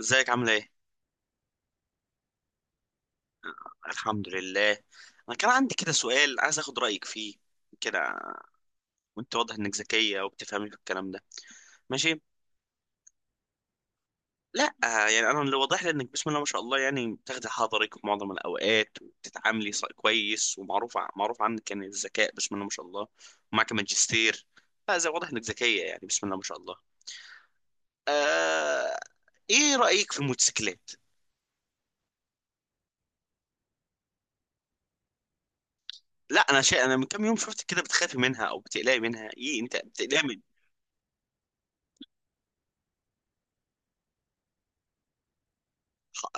ازيك؟ عامله ايه؟ الحمد لله. انا كان عندي كده سؤال عايز اخد رايك فيه كده. وانت واضح انك ذكيه وبتفهمي في الكلام ده. ماشي. لا يعني انا اللي واضح لي انك بسم الله ما شاء الله يعني بتاخدي حضرك في معظم الاوقات وبتتعاملي كويس، معروف عنك يعني الذكاء بسم الله ما شاء الله. ومعك ماجستير. فزي واضح انك ذكيه يعني بسم الله ما شاء الله. آه... ايه رايك في الموتوسيكلات؟ لا انا من كام يوم شفت كده بتخافي منها او بتقلقي منها، ايه انت بتقلقي؟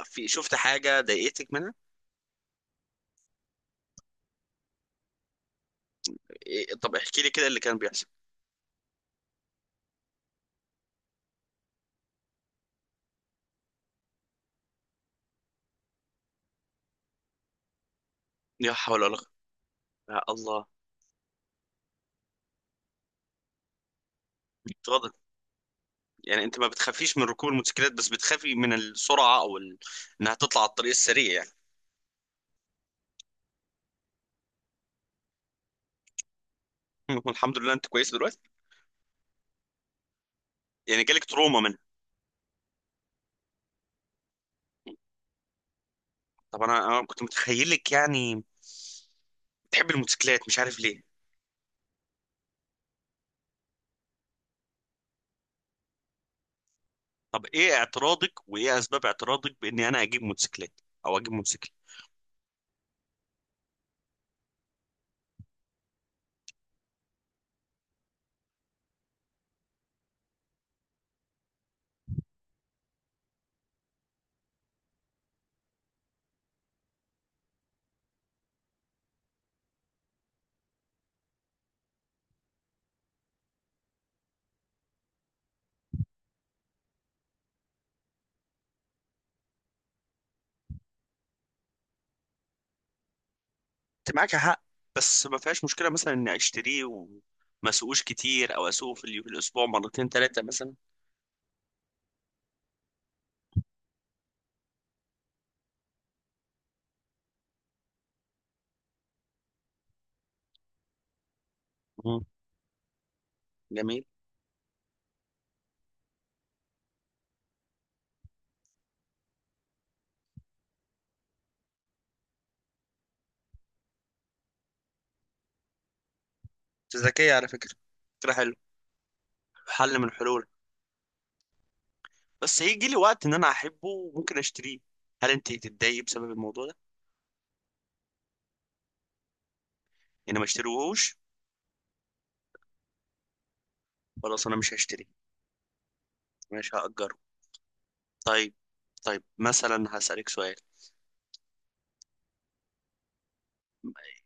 في شفت حاجة ضايقتك منها؟ إيه، طب احكي لي كده اللي كان بيحصل. لا حول ولا قوة. يا الله. اتفضل. يعني انت ما بتخافيش من ركوب الموتوسيكلات بس بتخافي من السرعة او انها تطلع على الطريق السريع يعني. الحمد لله انت كويس دلوقتي. يعني جالك تروما منها؟ طب انا كنت متخيلك يعني بتحب الموتوسيكلات مش عارف ليه. طب ايه اعتراضك وايه اسباب اعتراضك باني انا اجيب موتوسيكلات او اجيب موتوسيكل؟ انت معاك حق. بس ما فيهاش مشكلة مثلا اني اشتريه وما اسوقوش كتير او اسوقه في الاسبوع مرتين ثلاثة مثلا. مم. جميل. انت ذكية على فكرة. فكرة حلوة. حل من الحلول. بس هيجي لي وقت ان انا احبه وممكن اشتريه. هل انت تتضايقي بسبب الموضوع ده؟ يعني ما اشتريهوش. خلاص انا مش هشتري. مش هأجره. طيب. طيب مثلا هسألك سؤال.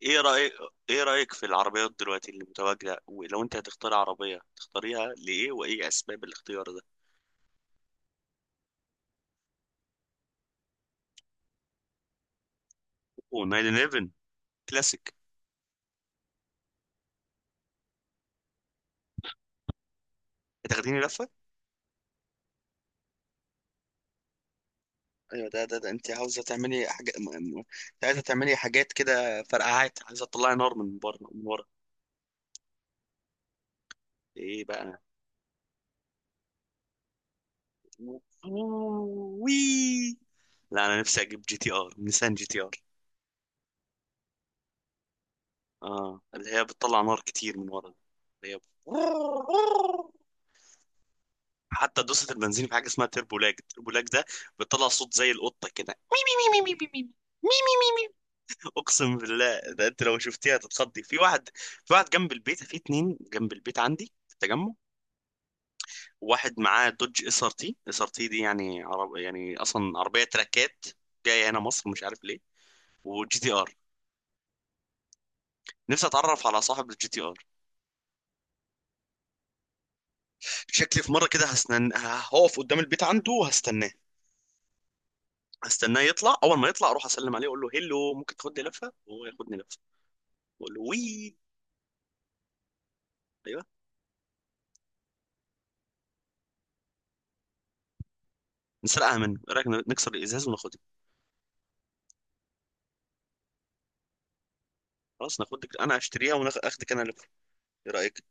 ايه رأيك؟ ايه رأيك في العربيات دلوقتي اللي متواجدة، ولو انت هتختار عربية تختاريها ليه وايه اسباب الاختيار ده؟ و911 كلاسيك. هتاخديني لفة؟ ايوه ده انت عاوزه تعملي حاجه عايزه تعملي حاجات كده، فرقعات، عايزه تطلعي نار من بره من ورا؟ ايه بقى؟ وي. لا انا نفسي اجيب جي تي ار، نيسان جي تي ار. اه اللي هي بتطلع نار كتير من ورا. اللي هي حتى دوسة البنزين في حاجه اسمها تربو لاج، التربو لاج ده بتطلع صوت زي القطه كده. اقسم بالله، ده انت لو شفتيها تتخضي. في واحد جنب البيت، في اتنين جنب البيت عندي في التجمع. واحد معاه دوج اس ار تي دي، يعني عرب يعني اصلا عربيه تراكات جايه هنا مصر مش عارف ليه. وجي تي ار. نفسي اتعرف على صاحب الجي تي ار. شكلي في مره كده هستنى، هقف قدام البيت عنده وهستناه. يطلع، اول ما يطلع اروح اسلم عليه اقول له هيلو، ممكن تاخدني لفه، وهو ياخدني لفه. اقول له وي. ايوه. نسرقها منه، ايه رايك نكسر الازاز وناخدها؟ خلاص ناخدك، انا اشتريها وناخدك انا لفه. ايه رايك؟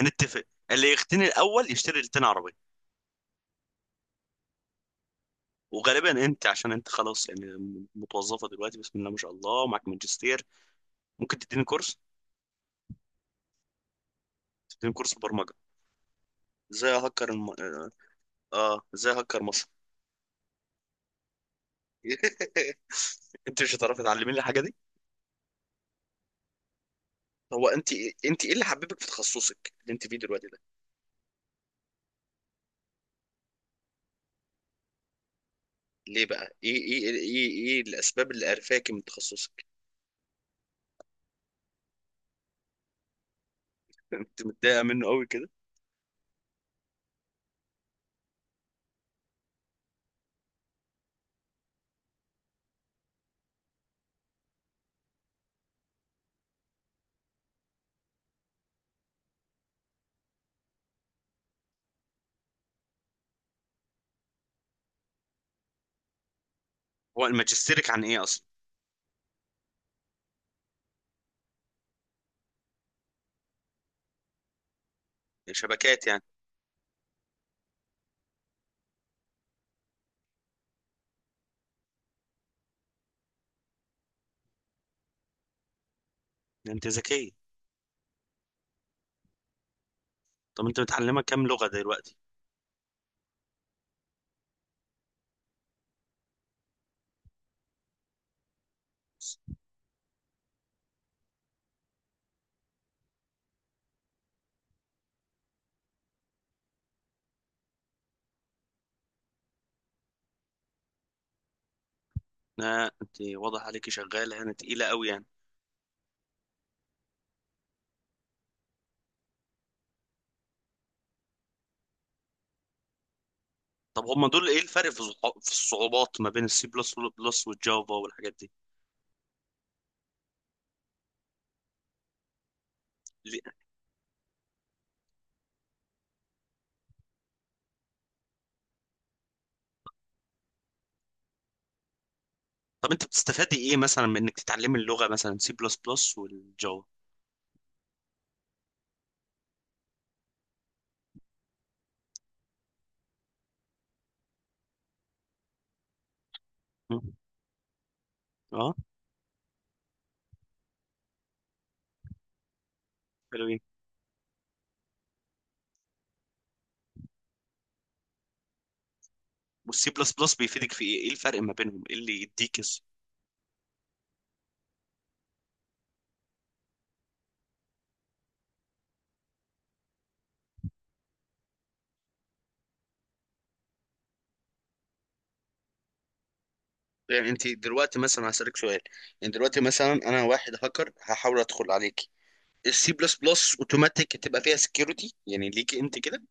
هنتفق. اللي يختني الاول يشتري التاني عربيه. وغالبا انت، عشان انت خلاص يعني متوظفه دلوقتي بسم الله ما شاء الله ومعاك ماجستير. ممكن تديني كورس؟ تديني كورس برمجه. ازاي اهكر الم... اه ازاي اهكر مصر؟ انت مش هتعرفي تعلميني الحاجه دي. هو انت إيه، انت ايه اللي حببك في تخصصك اللي انت فيه دلوقتي ده؟ ليه بقى، ايه الاسباب اللي قرفاكي من تخصصك؟ انت متضايقه منه قوي كده. هو ماجستيرك عن ايه اصلا؟ يعني شبكات يعني؟ انت ذكيه. طب انت متعلمه كام لغه دلوقتي؟ لا انت واضح عليكي شغاله هنا تقيله قوي يعني. طب هما دول ايه الفرق في في الصعوبات ما بين السي بلس بلس والجافا والحاجات دي؟ ليه؟ طب انت بتستفادي ايه مثلا من انك تتعلمي اللغه مثلا سي بلس بلس والجافا؟ مم. اه. حلوين. والسي بلس بلس بيفيدك في ايه الفرق ما بينهم، ايه اللي يديك يعني انت دلوقتي مثلا هسألك سؤال. يعني دلوقتي مثلا انا واحد هاكر هحاول ادخل عليك، السي بلس بلس اوتوماتيك تبقى فيها سكيورتي يعني ليكي انت كده؟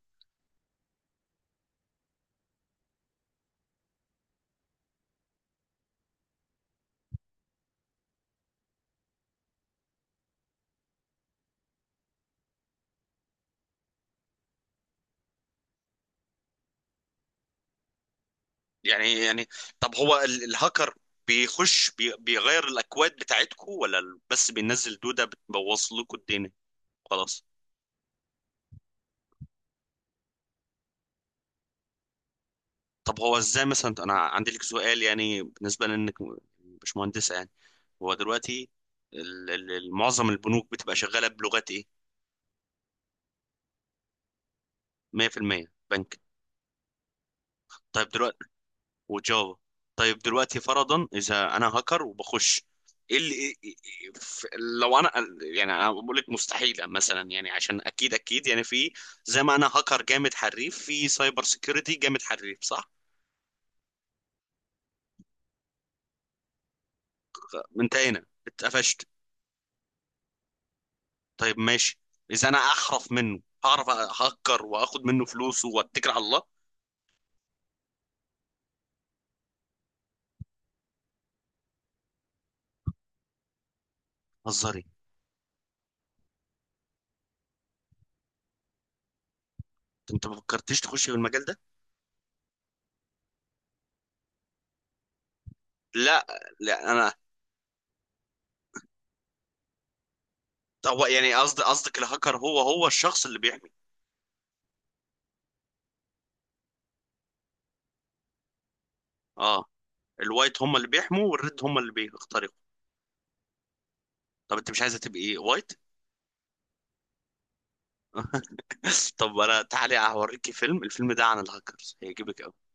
يعني طب هو الهاكر بيغير الاكواد بتاعتكم، ولا بس بينزل دودة بتبوظ لكم الدنيا؟ خلاص. طب هو ازاي مثلا، انا عندي لك سؤال يعني، بالنسبة لانك مش مهندسة يعني. هو دلوقتي معظم البنوك بتبقى شغالة بلغات ايه؟ 100% بنك. طيب. وجافا. طيب. دلوقتي فرضا اذا انا هاكر وبخش، ايه اللي إيه، ف- لو انا يعني، انا بقول لك مستحيله مثلا يعني، عشان اكيد اكيد يعني، في زي ما انا هاكر جامد حريف في سايبر سيكيورتي جامد حريف، صح؟ انت هنا اتقفشت. طيب ماشي. اذا انا احرف منه هعرف اهكر واخد منه فلوسه واتكل على الله. هزاري؟ انت ما فكرتش تخش في المجال ده؟ لا. لا انا. هو يعني قصدك الهاكر هو الشخص اللي بيحمي؟ اه. الوايت هم اللي بيحموا والريد هم اللي بيخترقوا. طب انت مش عايزه تبقي وايت؟ طب انا تعالي هوريكي الفيلم ده عن الهاكرز هيعجبك قوي.